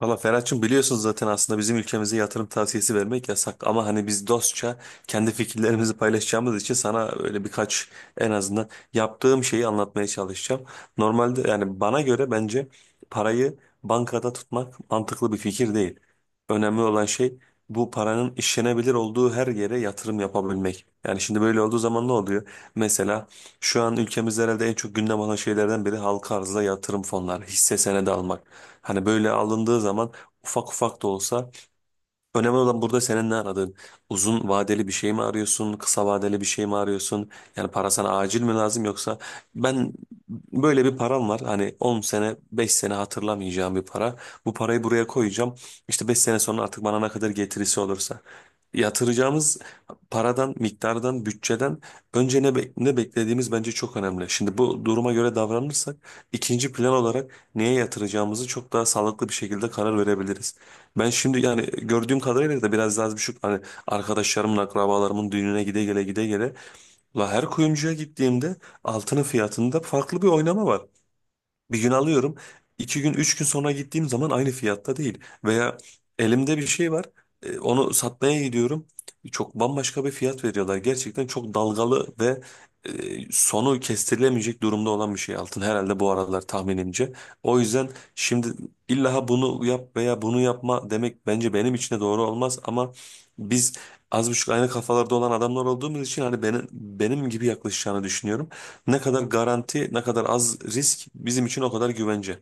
Valla Ferhat'cığım, biliyorsunuz zaten aslında bizim ülkemize yatırım tavsiyesi vermek yasak, ama hani biz dostça kendi fikirlerimizi paylaşacağımız için sana öyle birkaç en azından yaptığım şeyi anlatmaya çalışacağım. Normalde yani bana göre bence parayı bankada tutmak mantıklı bir fikir değil. Önemli olan şey, bu paranın işlenebilir olduğu her yere yatırım yapabilmek. Yani şimdi böyle olduğu zaman ne oluyor? Mesela şu an ülkemizde herhalde en çok gündem olan şeylerden biri halka arzda yatırım fonları, hisse senedi almak. Hani böyle alındığı zaman ufak ufak da olsa. Önemli olan burada senin ne aradığın. Uzun vadeli bir şey mi arıyorsun? Kısa vadeli bir şey mi arıyorsun? Yani para sana acil mi lazım, yoksa ben böyle bir param var. Hani 10 sene, 5 sene hatırlamayacağım bir para. Bu parayı buraya koyacağım. İşte 5 sene sonra artık bana ne kadar getirisi olursa. Yatıracağımız paradan, miktardan, bütçeden önce ne beklediğimiz bence çok önemli. Şimdi bu duruma göre davranırsak ikinci plan olarak neye yatıracağımızı çok daha sağlıklı bir şekilde karar verebiliriz. Ben şimdi yani gördüğüm kadarıyla da biraz az buçuk hani arkadaşlarımın, akrabalarımın düğününe gide gele gide gele. La, her kuyumcuya gittiğimde altının fiyatında farklı bir oynama var. Bir gün alıyorum. İki gün, üç gün sonra gittiğim zaman aynı fiyatta değil. Veya elimde bir şey var. Onu satmaya gidiyorum. Çok bambaşka bir fiyat veriyorlar. Gerçekten çok dalgalı ve sonu kestirilemeyecek durumda olan bir şey altın. Herhalde bu aralar tahminimce. O yüzden şimdi illa bunu yap veya bunu yapma demek bence benim için de doğru olmaz. Ama biz az buçuk aynı kafalarda olan adamlar olduğumuz için hani benim gibi yaklaşacağını düşünüyorum. Ne kadar garanti, ne kadar az risk, bizim için o kadar güvence.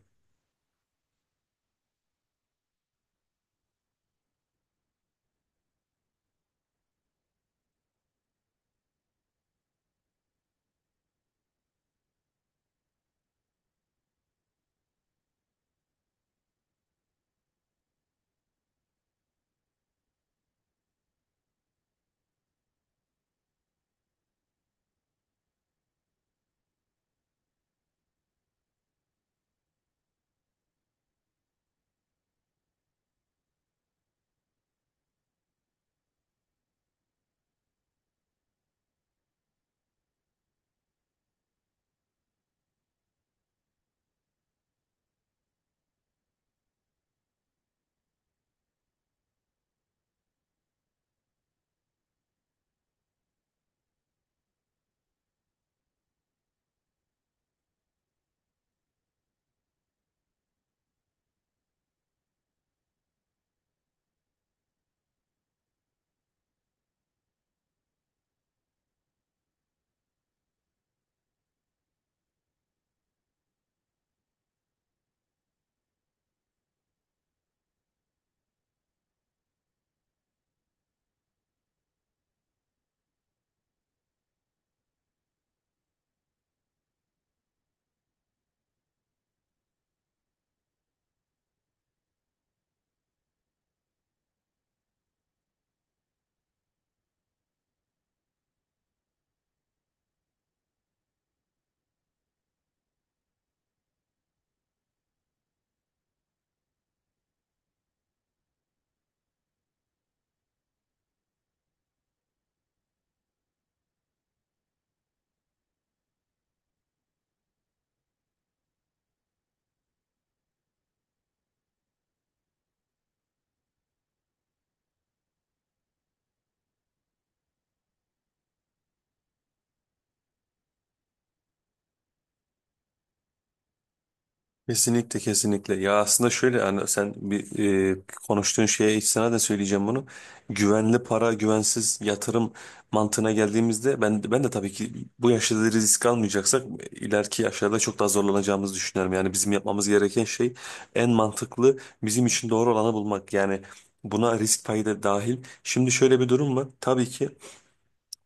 Kesinlikle, kesinlikle. Ya aslında şöyle, yani sen bir e, konuştuğun şeye hiç sana da söyleyeceğim bunu. Güvenli para, güvensiz yatırım mantığına geldiğimizde ben de tabii ki bu yaşta da risk almayacaksak ileriki yaşlarda çok daha zorlanacağımızı düşünüyorum. Yani bizim yapmamız gereken şey en mantıklı, bizim için doğru olanı bulmak. Yani buna risk payı da dahil. Şimdi şöyle bir durum var. Tabii ki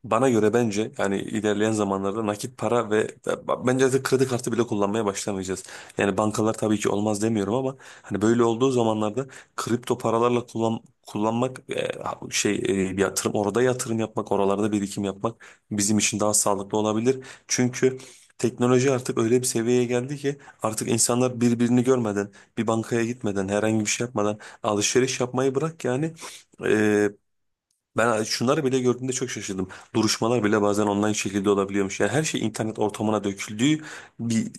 bana göre bence yani ilerleyen zamanlarda nakit para ve bence de kredi kartı bile kullanmaya başlamayacağız. Yani bankalar tabii ki olmaz demiyorum, ama hani böyle olduğu zamanlarda kripto paralarla kullanmak şey bir yatırım, orada yatırım yapmak, oralarda birikim yapmak bizim için daha sağlıklı olabilir. Çünkü teknoloji artık öyle bir seviyeye geldi ki artık insanlar birbirini görmeden, bir bankaya gitmeden, herhangi bir şey yapmadan alışveriş yapmayı bırak yani, e, ben şunları bile gördüğümde çok şaşırdım. Duruşmalar bile bazen online şekilde olabiliyormuş. Yani her şey internet ortamına döküldüğü bir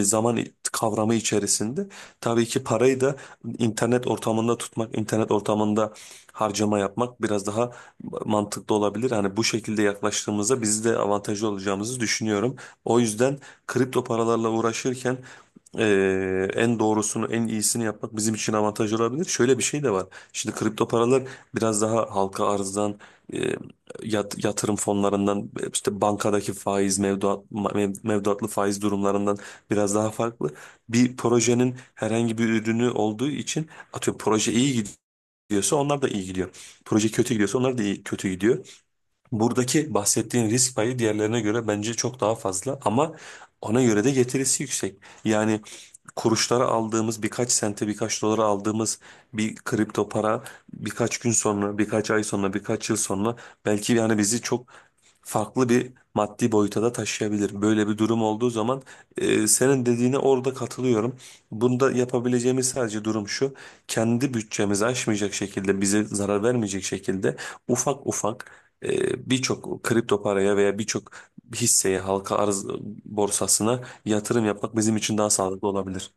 zaman kavramı içerisinde. Tabii ki parayı da internet ortamında tutmak, internet ortamında harcama yapmak biraz daha mantıklı olabilir. Hani bu şekilde yaklaştığımızda biz de avantajlı olacağımızı düşünüyorum. O yüzden kripto paralarla uğraşırken en doğrusunu, en iyisini yapmak bizim için avantaj olabilir. Şöyle bir şey de var. Şimdi kripto paralar biraz daha halka arzdan, e, yatırım fonlarından, işte bankadaki faiz, mevduat, mevduatlı faiz durumlarından biraz daha farklı. Bir projenin herhangi bir ürünü olduğu için, atıyorum, proje iyi gidiyorsa onlar da iyi gidiyor. Proje kötü gidiyorsa onlar da iyi, kötü gidiyor. Buradaki bahsettiğin risk payı diğerlerine göre bence çok daha fazla, ama ona göre de getirisi yüksek. Yani kuruşlara aldığımız, birkaç sente, birkaç dolara aldığımız bir kripto para birkaç gün sonra, birkaç ay sonra, birkaç yıl sonra belki yani bizi çok farklı bir maddi boyuta da taşıyabilir. Böyle bir durum olduğu zaman, senin dediğine orada katılıyorum. Bunda yapabileceğimiz sadece durum şu: kendi bütçemizi aşmayacak şekilde, bize zarar vermeyecek şekilde ufak ufak birçok kripto paraya veya birçok hisseye, halka arz borsasına yatırım yapmak bizim için daha sağlıklı olabilir.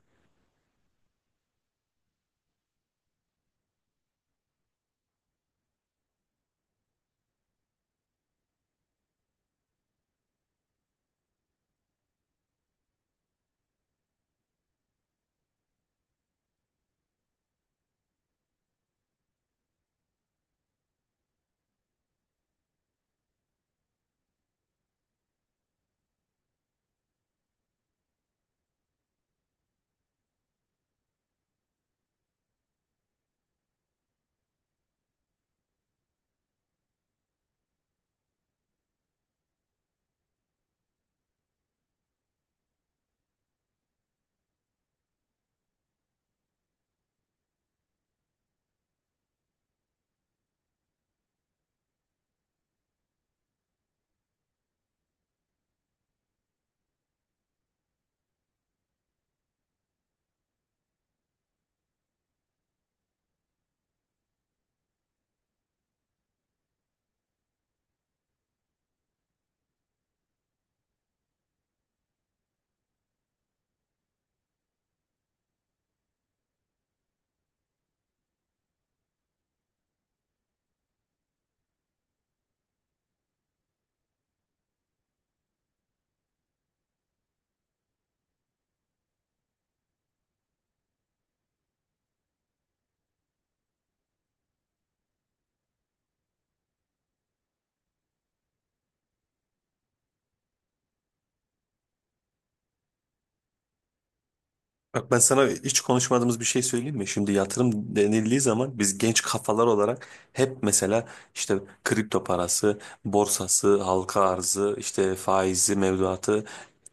Bak, ben sana hiç konuşmadığımız bir şey söyleyeyim mi? Şimdi yatırım denildiği zaman biz genç kafalar olarak hep mesela işte kripto parası, borsası, halka arzı, işte faizi, mevduatı.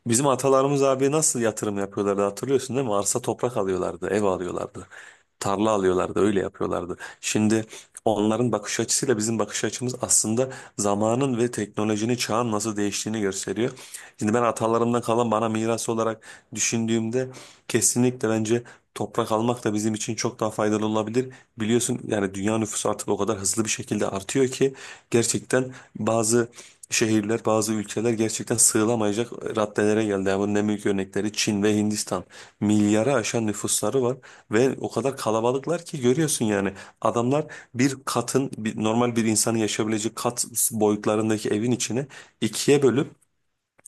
Bizim atalarımız abi nasıl yatırım yapıyorlardı, hatırlıyorsun değil mi? Arsa, toprak alıyorlardı, ev alıyorlardı, tarla alıyorlardı, öyle yapıyorlardı. Şimdi onların bakış açısıyla bizim bakış açımız aslında zamanın ve teknolojinin, çağın nasıl değiştiğini gösteriyor. Şimdi ben atalarımdan kalan bana miras olarak düşündüğümde, kesinlikle bence toprak almak da bizim için çok daha faydalı olabilir. Biliyorsun yani dünya nüfusu artık o kadar hızlı bir şekilde artıyor ki gerçekten bazı şehirler, bazı ülkeler gerçekten sığılamayacak raddelere geldi. Yani bunun en büyük örnekleri Çin ve Hindistan. Milyara aşan nüfusları var ve o kadar kalabalıklar ki görüyorsun yani, adamlar bir katın, normal bir insanın yaşayabileceği kat boyutlarındaki evin içine ikiye bölüp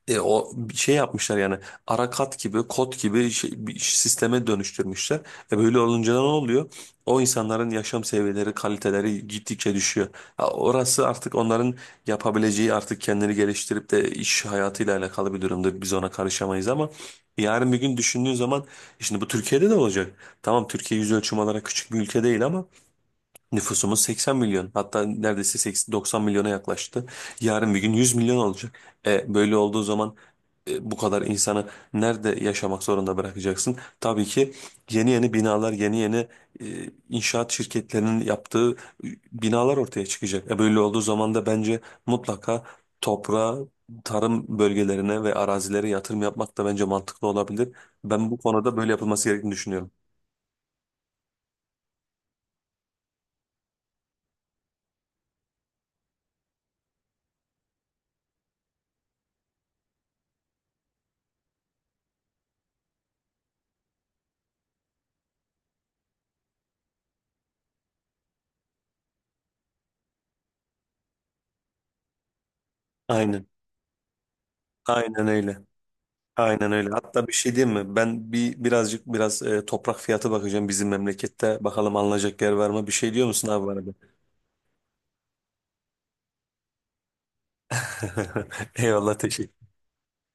o bir şey yapmışlar yani, arakat gibi, kod gibi bir sisteme dönüştürmüşler. E, böyle olunca ne oluyor? O insanların yaşam seviyeleri, kaliteleri gittikçe düşüyor. Ha, orası artık onların yapabileceği, artık kendini geliştirip de iş hayatıyla alakalı bir durumda biz ona karışamayız, ama yarın bir gün düşündüğün zaman, "E, şimdi bu Türkiye'de de olacak. Tamam, Türkiye yüz ölçüm olarak küçük bir ülke değil, ama nüfusumuz 80 milyon, hatta neredeyse 80 90 milyona yaklaştı. Yarın bir gün 100 milyon olacak. E, böyle olduğu zaman bu kadar insanı nerede yaşamak zorunda bırakacaksın? Tabii ki yeni yeni binalar, yeni yeni inşaat şirketlerinin yaptığı binalar ortaya çıkacak. E, böyle olduğu zaman da bence mutlaka toprağa, tarım bölgelerine ve arazilere yatırım yapmak da bence mantıklı olabilir. Ben bu konuda böyle yapılması gerektiğini düşünüyorum. Aynen. Aynen öyle. Aynen öyle. Hatta bir şey diyeyim mi? Ben bir birazcık, biraz toprak fiyatı bakacağım bizim memlekette. Bakalım alınacak yer var mı? Bir şey diyor musun abi bana? Eyvallah, teşekkür.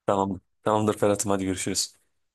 Tamamdır. Tamamdır Ferhat'ım, hadi görüşürüz.